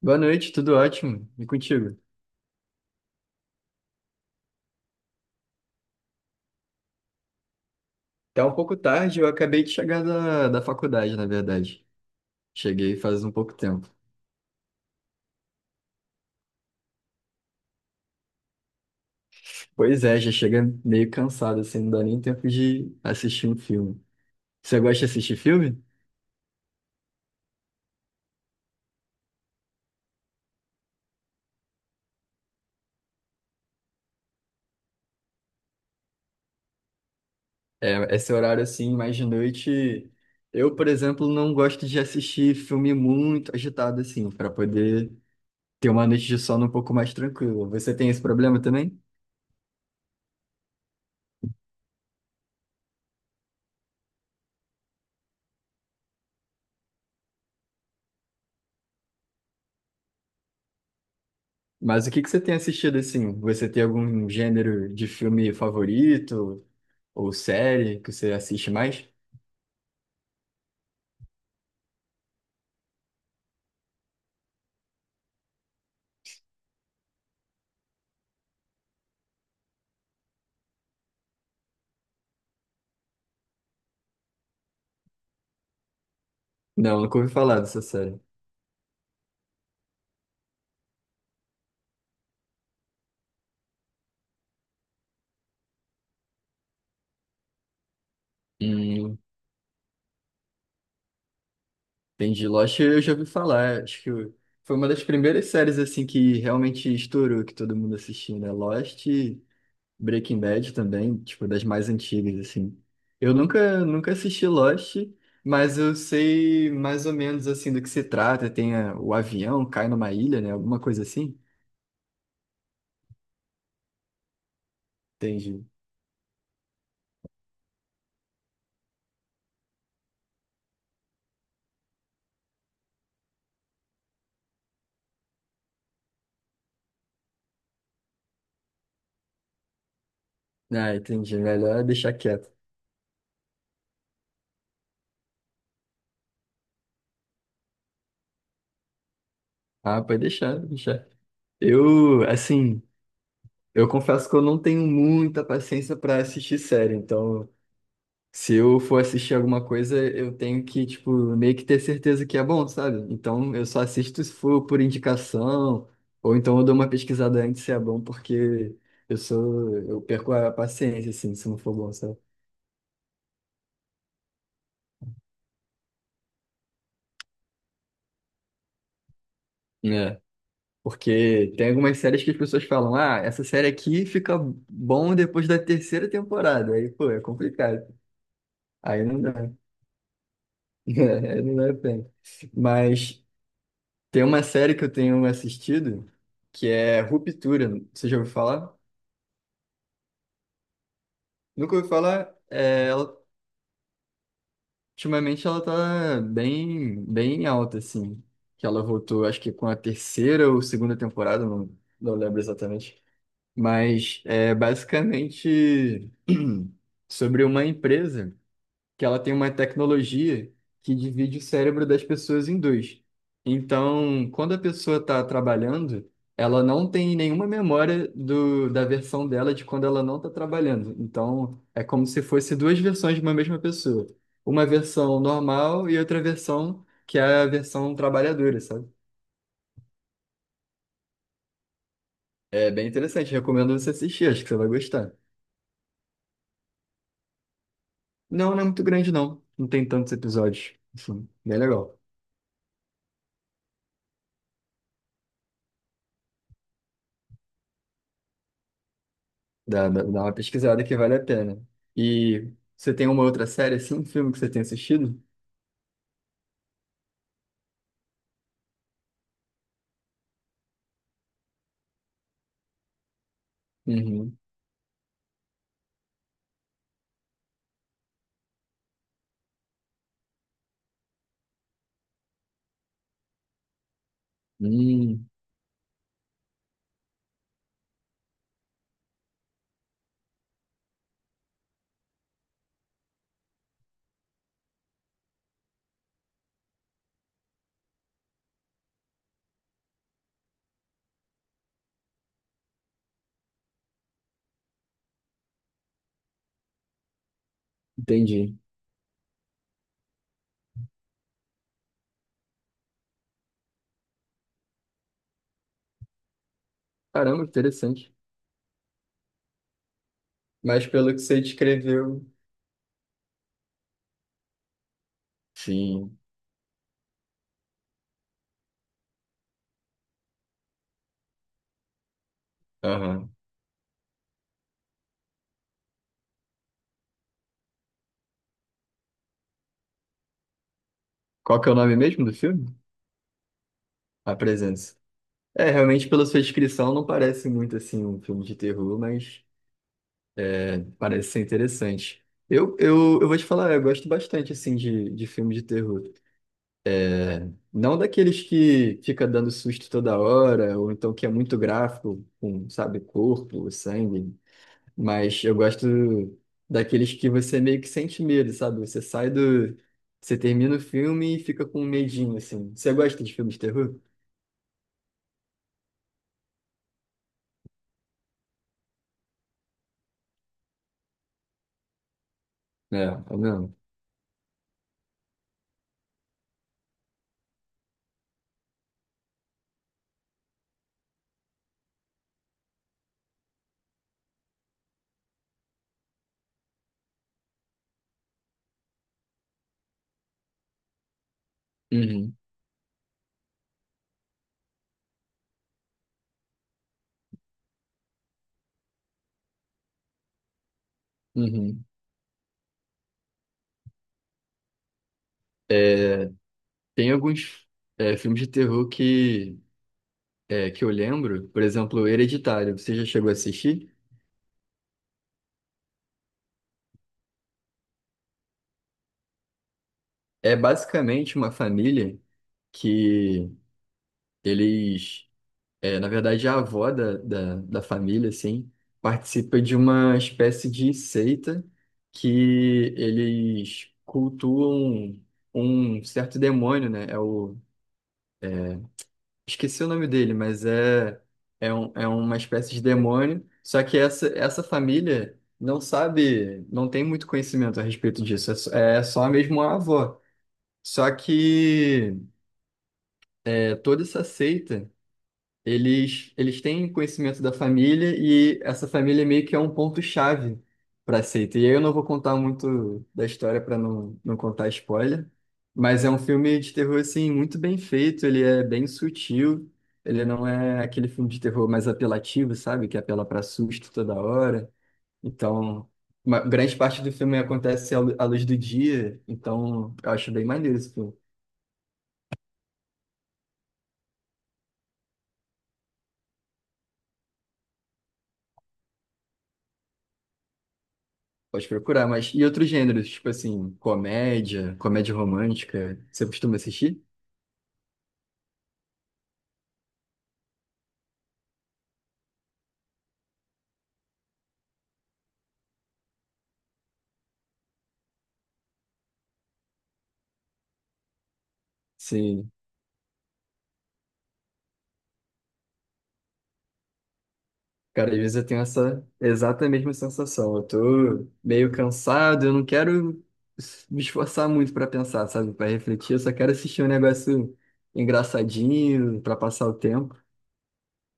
Boa noite, tudo ótimo. E contigo? Tá um pouco tarde, eu acabei de chegar da faculdade, na verdade. Cheguei faz um pouco tempo. Pois é, já chega meio cansado, assim, não dá nem tempo de assistir um filme. Você gosta de assistir filme? É, esse horário, assim, mais de noite. Eu, por exemplo, não gosto de assistir filme muito agitado, assim, para poder ter uma noite de sono um pouco mais tranquila. Você tem esse problema também? Mas o que que você tem assistido assim? Você tem algum gênero de filme favorito? Ou série que você assiste mais? Não, nunca ouvi falar dessa série. Hum, entendi. Lost eu já ouvi falar. Acho que foi uma das primeiras séries assim que realmente estourou, que todo mundo assistiu, né? Lost e Breaking Bad também, tipo, das mais antigas, assim. Eu nunca assisti Lost, mas eu sei mais ou menos assim do que se trata. Tem o avião, cai numa ilha, né? Alguma coisa assim. Entendi. Ah, entendi. Melhor deixar quieto. Ah, pode deixar, pode deixar. Eu, assim. Eu confesso que eu não tenho muita paciência pra assistir série, então se eu for assistir alguma coisa, eu tenho que, tipo, meio que ter certeza que é bom, sabe? Então eu só assisto se for por indicação, ou então eu dou uma pesquisada antes se é bom, porque eu perco a paciência, assim, se não for bom, sabe? É. Porque tem algumas séries que as pessoas falam, ah, essa série aqui fica bom depois da terceira temporada. Aí, pô, é complicado. Aí não dá. Aí não dá pena. Mas. Tem uma série que eu tenho assistido que é Ruptura. Você já ouviu falar? Nunca ouvi falar. É, ela- ultimamente ela tá bem alta, assim. Que ela voltou, acho que com a terceira ou segunda temporada, não lembro exatamente. Mas é basicamente sobre uma empresa que ela tem uma tecnologia que divide o cérebro das pessoas em dois. Então, quando a pessoa está trabalhando, ela não tem nenhuma memória da versão dela de quando ela não está trabalhando. Então, é como se fosse duas versões de uma mesma pessoa. Uma versão normal e outra versão que é a versão trabalhadora, sabe? É bem interessante, recomendo você assistir, acho que você vai gostar. Não, não é muito grande, não. Não tem tantos episódios. Enfim, bem legal. Dá uma pesquisada que vale a pena. E você tem uma outra série, assim, um filme que você tem assistido? Uhum. Hum, entendi. Caramba, interessante. Mas pelo que você descreveu. Sim. Aham. Qual que é o nome mesmo do filme? A Presença. É, realmente, pela sua descrição, não parece muito assim um filme de terror, mas parece ser interessante. Eu vou te falar, eu gosto bastante assim de filme de terror. Não daqueles que fica dando susto toda hora, ou então que é muito gráfico, com, sabe, corpo, sangue. Mas eu gosto daqueles que você meio que sente medo, sabe? Você sai do. Você termina o filme e fica com um medinho, assim. Você gosta de filmes de terror? É, é mesmo. Uhum, uhum. É, tem alguns filmes de terror é, que eu lembro, por exemplo, Hereditário. Você já chegou a assistir? É basicamente uma família que eles é, na verdade, a avó da família, assim, participa de uma espécie de seita que eles cultuam um certo demônio, né? É o... Esqueci o nome dele, mas é uma espécie de demônio. Só que essa família não sabe, não tem muito conhecimento a respeito disso. É só mesmo a avó. Só que é, toda essa seita. Eles têm conhecimento da família e essa família meio que é um ponto-chave para a seita. E aí eu não vou contar muito da história para não contar spoiler, mas é um filme de terror assim muito bem feito, ele é bem sutil, ele não é aquele filme de terror mais apelativo, sabe? Que apela para susto toda hora. Então, uma grande parte do filme acontece à luz do dia, então eu acho bem maneiro esse filme. Pode procurar, mas e outros gêneros, tipo assim, comédia, comédia romântica, você costuma assistir? Sim. Cara, às vezes eu tenho essa exata mesma sensação. Eu tô meio cansado, eu não quero me esforçar muito pra pensar, sabe? Pra refletir, eu só quero assistir um negócio engraçadinho pra passar o tempo.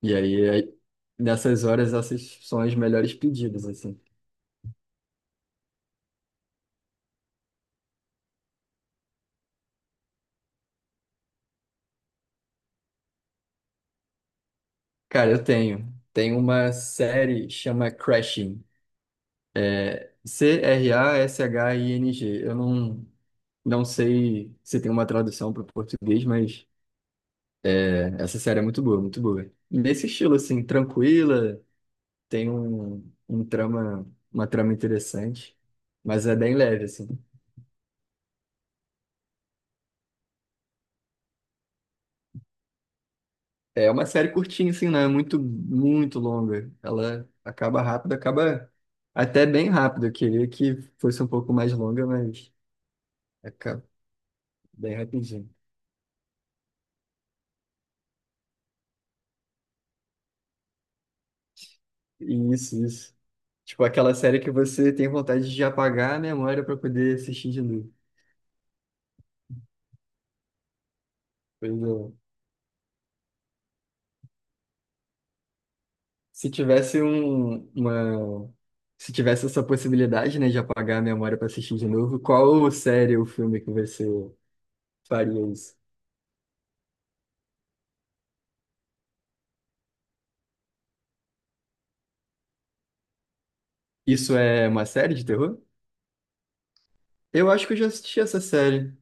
E aí, nessas horas, essas são as melhores pedidas, assim. Cara, eu tenho. Tem uma série chama Crashing. Crashing. Eu não, Não sei se tem uma tradução para o português, mas é, essa série é muito boa, muito boa. Nesse estilo, assim, tranquila, tem um trama, uma trama interessante, mas é bem leve, assim. É uma série curtinha, assim, não é muito longa. Ela acaba rápido, acaba até bem rápido. Eu queria que fosse um pouco mais longa, mas acaba bem rapidinho. Isso, isso. Tipo aquela série que você tem vontade de apagar a memória para poder assistir de novo. Pois é. Se tivesse se tivesse essa possibilidade, né, de apagar a memória para assistir de novo, qual série ou filme que você faria isso? Isso é uma série de terror? Eu acho que eu já assisti essa série,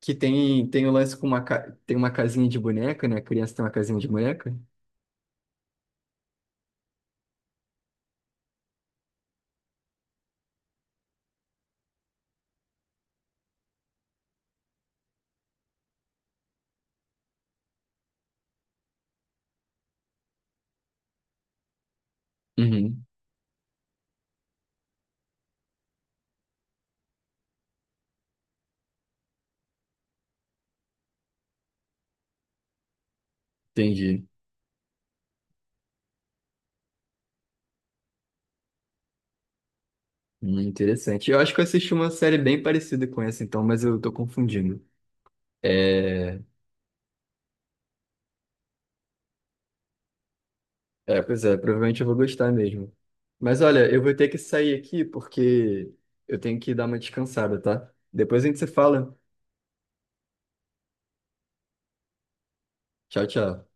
que tem o lance com uma tem uma casinha de boneca, né? A criança tem uma casinha de boneca. Uhum, entendi. Interessante. Eu acho que eu assisti uma série bem parecida com essa, então, mas eu tô confundindo. É, pois é, provavelmente eu vou gostar mesmo. Mas olha, eu vou ter que sair aqui porque eu tenho que dar uma descansada, tá? Depois a gente se fala. Tchau, tchau.